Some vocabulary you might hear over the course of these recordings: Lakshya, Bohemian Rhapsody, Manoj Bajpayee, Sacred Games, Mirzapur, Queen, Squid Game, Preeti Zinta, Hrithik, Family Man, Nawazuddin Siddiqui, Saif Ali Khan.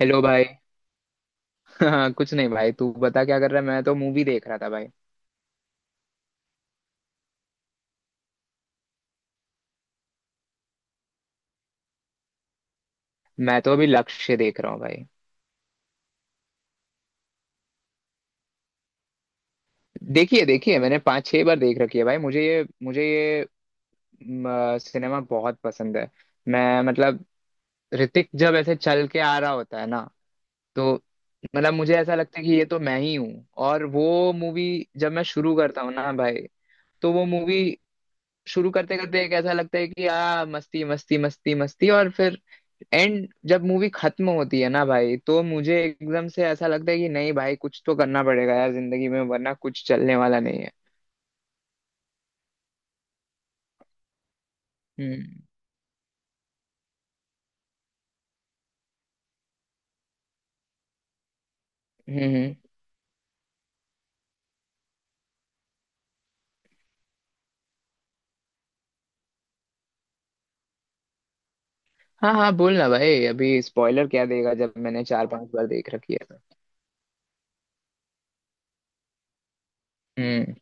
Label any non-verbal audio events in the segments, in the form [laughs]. Hello भाई। [laughs] हाँ कुछ नहीं भाई, तू बता क्या कर रहा है? मैं तो मूवी देख रहा था भाई। मैं तो अभी लक्ष्य देख रहा हूँ भाई। देखिए देखिए, मैंने 5 6 बार देख रखी है भाई। मुझे ये सिनेमा बहुत पसंद है। मैं मतलब, ऋतिक जब ऐसे चल के आ रहा होता है ना, तो मतलब मुझे ऐसा लगता है कि ये तो मैं ही हूँ और वो मूवी। जब मैं शुरू करता हूँ ना भाई, तो वो मूवी शुरू करते करते एक ऐसा लगता है कि आ, मस्ती मस्ती मस्ती मस्ती, और फिर एंड जब मूवी खत्म होती है ना भाई, तो मुझे एकदम से ऐसा लगता है कि नहीं भाई, कुछ तो करना पड़ेगा यार जिंदगी में, वरना कुछ चलने वाला नहीं है। हम्म हम्म हम्म। हाँ हाँ, बोल ना भाई, अभी स्पॉइलर क्या देगा जब मैंने 4 5 बार देख रखी है तो। हम्म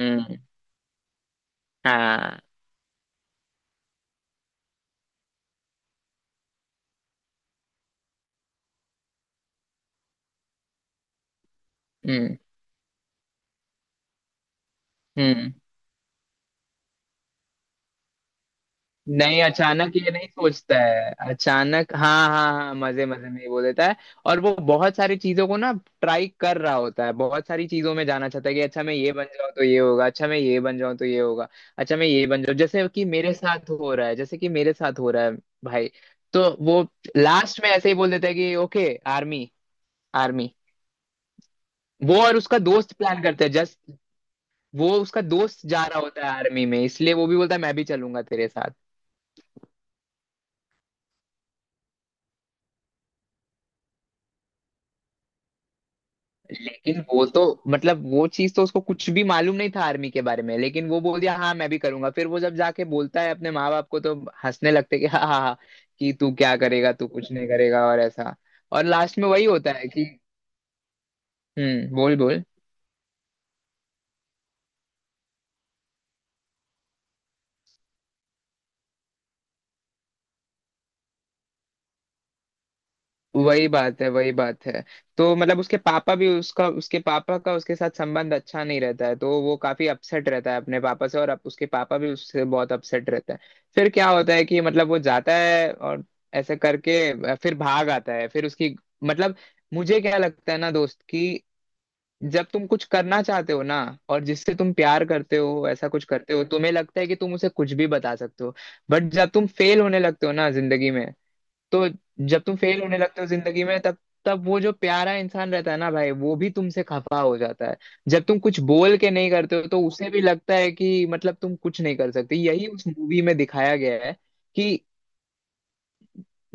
हम्म। हाँ। हम्म हम्म। नहीं, अचानक ये नहीं सोचता है, अचानक हाँ हाँ हाँ, मजे मजे में ये बोल देता है। और वो बहुत सारी चीजों को ना ट्राई कर रहा होता है, बहुत सारी चीजों में जाना चाहता है कि अच्छा मैं ये बन जाऊं तो ये होगा, अच्छा मैं ये बन जाऊं तो ये होगा, अच्छा मैं ये बन जाऊं, जैसे कि मेरे साथ हो रहा है, जैसे कि मेरे साथ हो रहा है भाई। तो वो लास्ट में ऐसे ही बोल देता है कि ओके आर्मी, आर्मी। वो और उसका दोस्त प्लान करते हैं जस्ट। वो उसका दोस्त जा रहा होता है आर्मी में, इसलिए वो भी बोलता है मैं भी चलूंगा तेरे साथ। लेकिन वो तो मतलब वो चीज तो उसको कुछ भी मालूम नहीं था आर्मी के बारे में, लेकिन वो बोल दिया हाँ मैं भी करूंगा। फिर वो जब जाके बोलता है अपने माँ बाप को, तो हंसने लगते कि हाँ हाँ हाँ, कि तू क्या करेगा, तू कुछ नहीं करेगा, और ऐसा। और लास्ट में वही होता है कि। हम्म, बोल बोल। वही बात है वही बात है। तो मतलब उसके पापा भी, उसका उसके पापा का उसके साथ संबंध अच्छा नहीं रहता है, तो वो काफी अपसेट रहता है अपने पापा से, और अब उसके पापा भी उससे बहुत अपसेट रहता है। फिर क्या होता है कि मतलब वो जाता है और ऐसे करके फिर भाग आता है, फिर उसकी मतलब, मुझे क्या लगता है ना दोस्त कि जब तुम कुछ करना चाहते हो ना, और जिससे तुम प्यार करते हो ऐसा कुछ करते हो, तुम्हें लगता है कि तुम उसे कुछ भी बता सकते हो। बट जब तुम फेल होने लगते हो ना जिंदगी में, तो जब तुम फेल होने लगते हो जिंदगी में, तब तब वो जो प्यारा इंसान रहता है ना भाई, वो भी तुमसे खफा हो जाता है। जब तुम कुछ बोल के नहीं करते हो, तो उसे भी लगता है कि मतलब तुम कुछ नहीं कर सकते, यही उस मूवी में दिखाया गया है कि।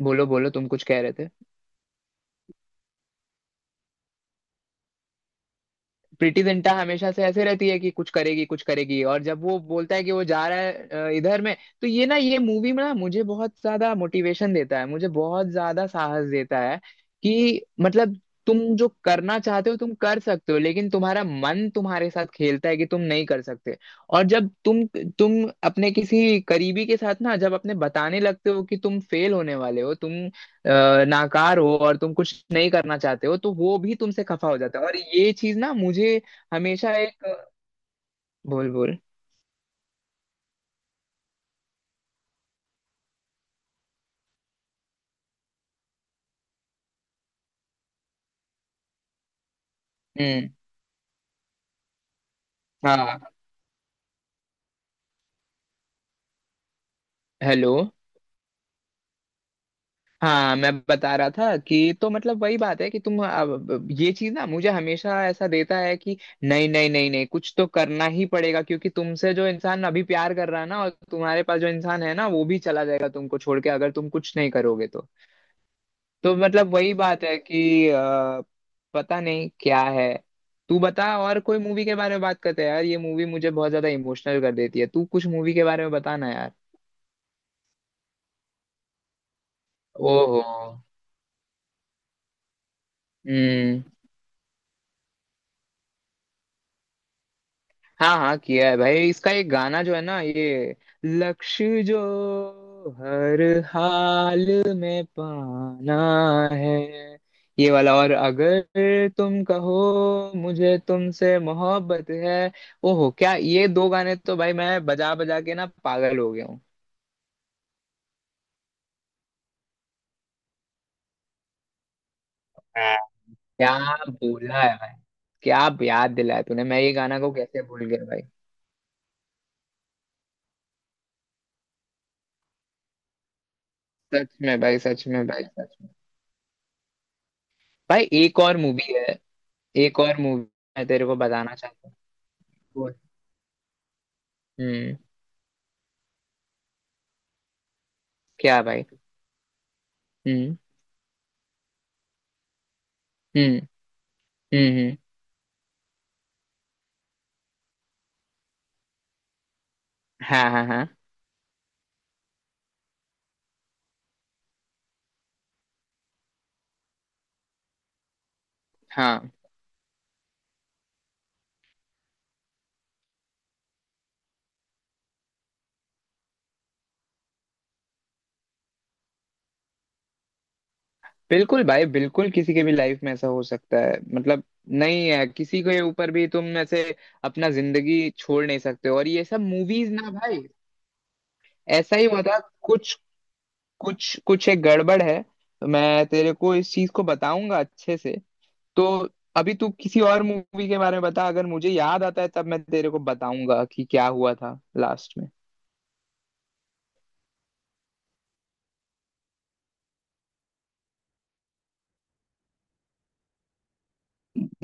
बोलो बोलो, तुम कुछ कह रहे थे? प्रीति जिंटा हमेशा से ऐसे रहती है कि कुछ करेगी कुछ करेगी, और जब वो बोलता है कि वो जा रहा है इधर में, तो ये ना ये मूवी में ना मुझे बहुत ज्यादा मोटिवेशन देता है, मुझे बहुत ज्यादा साहस देता है कि मतलब तुम जो करना चाहते हो तुम कर सकते हो, लेकिन तुम्हारा मन तुम्हारे साथ खेलता है कि तुम नहीं कर सकते। और जब तुम, तुम अपने किसी करीबी के साथ ना जब अपने बताने लगते हो कि तुम फेल होने वाले हो, तुम नाकार हो और तुम कुछ नहीं करना चाहते हो, तो वो भी तुमसे खफा हो जाता है, और ये चीज ना मुझे हमेशा एक। बोल बोल। हम्म। हाँ। हेलो। हाँ, मैं बता रहा था कि तो मतलब वही बात है कि तुम अब, ये चीज ना मुझे हमेशा ऐसा देता है कि नहीं नहीं नहीं नहीं, कुछ तो करना ही पड़ेगा क्योंकि तुमसे जो इंसान अभी प्यार कर रहा है ना, और तुम्हारे पास जो इंसान है ना, वो भी चला जाएगा तुमको छोड़ के अगर तुम कुछ नहीं करोगे तो। तो मतलब वही बात है कि पता नहीं क्या है। तू बता और कोई मूवी के बारे में बात करते हैं यार, ये मूवी मुझे बहुत ज्यादा इमोशनल कर देती है, तू कुछ मूवी के बारे में बता ना यार। ओहो। हम्म। हाँ हाँ, किया है भाई, इसका एक गाना जो है ना ये, लक्ष्य जो हर हाल में पाना है, ये वाला, और अगर तुम कहो मुझे तुमसे मोहब्बत है। ओहो क्या, ये दो गाने तो भाई मैं बजा बजा के ना पागल हो गया हूँ। हाँ, क्या बोला है भाई, क्या याद दिलाया तूने, मैं ये गाना को कैसे भूल गया भाई। सच में भाई, सच में भाई, सच में। भाई एक और मूवी है, एक और मूवी मैं तेरे को बताना चाहता हूँ वो। हम्म। क्या भाई? हम्म हम्म। हम्म हम्म, हाँ हाँ हाँ हाँ। बिल्कुल भाई बिल्कुल, किसी के भी लाइफ में ऐसा हो सकता है मतलब, नहीं है, किसी के ऊपर भी तुम ऐसे अपना जिंदगी छोड़ नहीं सकते, और ये सब मूवीज ना भाई। ऐसा ही हुआ था। कुछ कुछ कुछ एक गड़बड़ है। मैं तेरे को इस चीज को बताऊंगा अच्छे से। तो अभी तू किसी और मूवी के बारे में बता, अगर मुझे याद आता है तब मैं तेरे को बताऊंगा कि क्या हुआ था लास्ट में।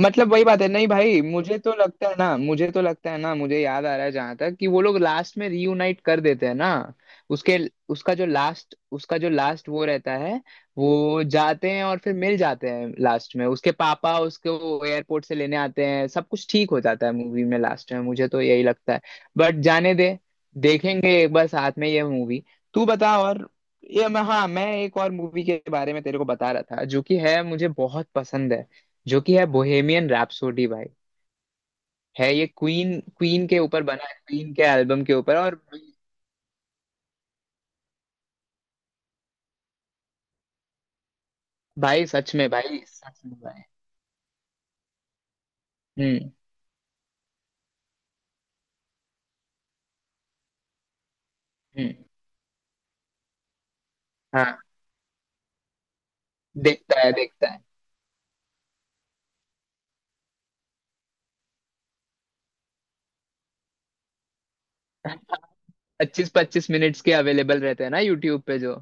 मतलब वही बात है, नहीं भाई, मुझे तो लगता है ना, मुझे तो लगता है ना, मुझे याद आ रहा है जहां तक कि वो लोग लास्ट में रीयूनाइट कर देते हैं ना, उसके उसका जो लास्ट वो रहता है, वो जाते हैं और फिर मिल जाते हैं लास्ट में, उसके पापा उसको एयरपोर्ट से लेने आते हैं, सब कुछ ठीक हो जाता है मूवी में लास्ट में, मुझे तो यही लगता है। बट जाने दे, देखेंगे एक बार साथ में ये मूवी। तू बता और। ये मैं, हाँ मैं एक और मूवी के बारे में तेरे को बता रहा था, जो कि है मुझे बहुत पसंद है, जो कि है बोहेमियन रैप्सोडी भाई। है ये क्वीन क्वीन के ऊपर बना है, क्वीन के एल्बम के ऊपर, और भाई सच में भाई सच में भाई। हम्म हम्म। हाँ। देखता है देखता है। [laughs] 25 25 मिनट्स के अवेलेबल रहते हैं ना यूट्यूब पे जो।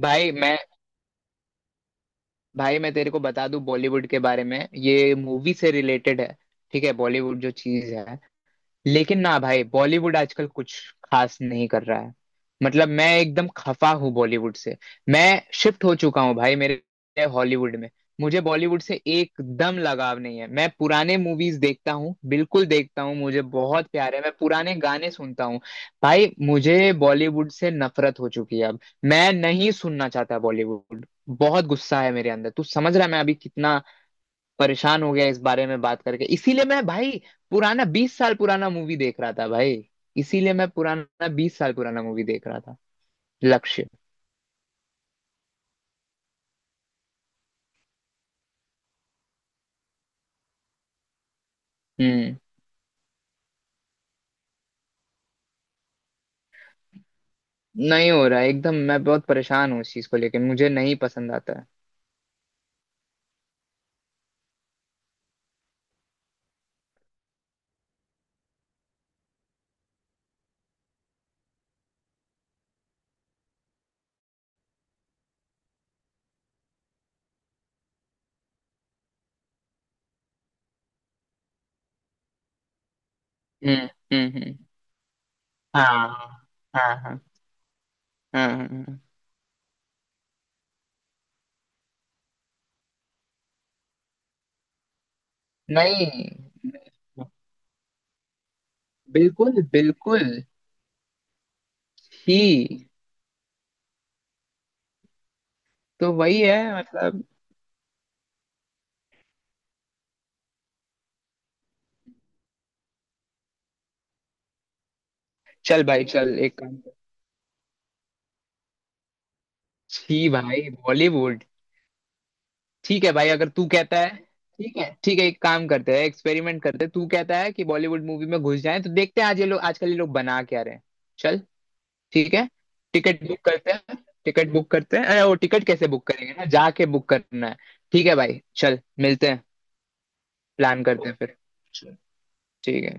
भाई मैं भाई मैं तेरे को बता दूं बॉलीवुड के बारे में, ये मूवी से रिलेटेड है। ठीक है बॉलीवुड जो चीज है, लेकिन ना भाई, बॉलीवुड आजकल कुछ खास नहीं कर रहा है, मतलब मैं एकदम खफा हूँ बॉलीवुड से। मैं शिफ्ट हो चुका हूँ भाई मेरे हॉलीवुड में। मुझे बॉलीवुड से एकदम लगाव नहीं है, मैं पुराने मूवीज देखता हूँ, बिल्कुल देखता हूँ, मुझे बहुत प्यार है, मैं पुराने गाने सुनता हूँ भाई। मुझे बॉलीवुड से नफरत हो चुकी है अब, मैं नहीं सुनना चाहता बॉलीवुड, बहुत गुस्सा है मेरे अंदर, तू समझ रहा है मैं अभी कितना परेशान हो गया इस बारे में बात करके, इसीलिए मैं भाई पुराना 20 साल पुराना मूवी देख रहा था भाई, इसीलिए मैं पुराना 20 साल पुराना मूवी देख रहा था, लक्ष्य। हम्म। नहीं हो रहा है, एकदम, मैं बहुत परेशान हूँ इस चीज को लेके, मुझे नहीं पसंद आता है। हम्म हम्म। हाँ हाँ हाँ, हाँ हाँ, हाँ। नहीं बिल्कुल बिल्कुल। छी। तो वही है मतलब। चल भाई चल, एक काम कर। छी भाई बॉलीवुड। ठीक है भाई, अगर तू कहता है, ठीक है ठीक है, एक काम करते हैं, एक्सपेरिमेंट करते हैं, तू कहता है कि बॉलीवुड मूवी में घुस जाएं तो देखते हैं आज ये लोग, आजकल ये लोग बना क्या रहे हैं। चल, ठीक है, टिकट बुक करते हैं। टिकट बुक करते हैं, अरे वो टिकट कैसे बुक करेंगे, ना जाके बुक करना है। ठीक है भाई चल मिलते हैं। प्लान करते हैं, ओके फिर। चल। ठीक है।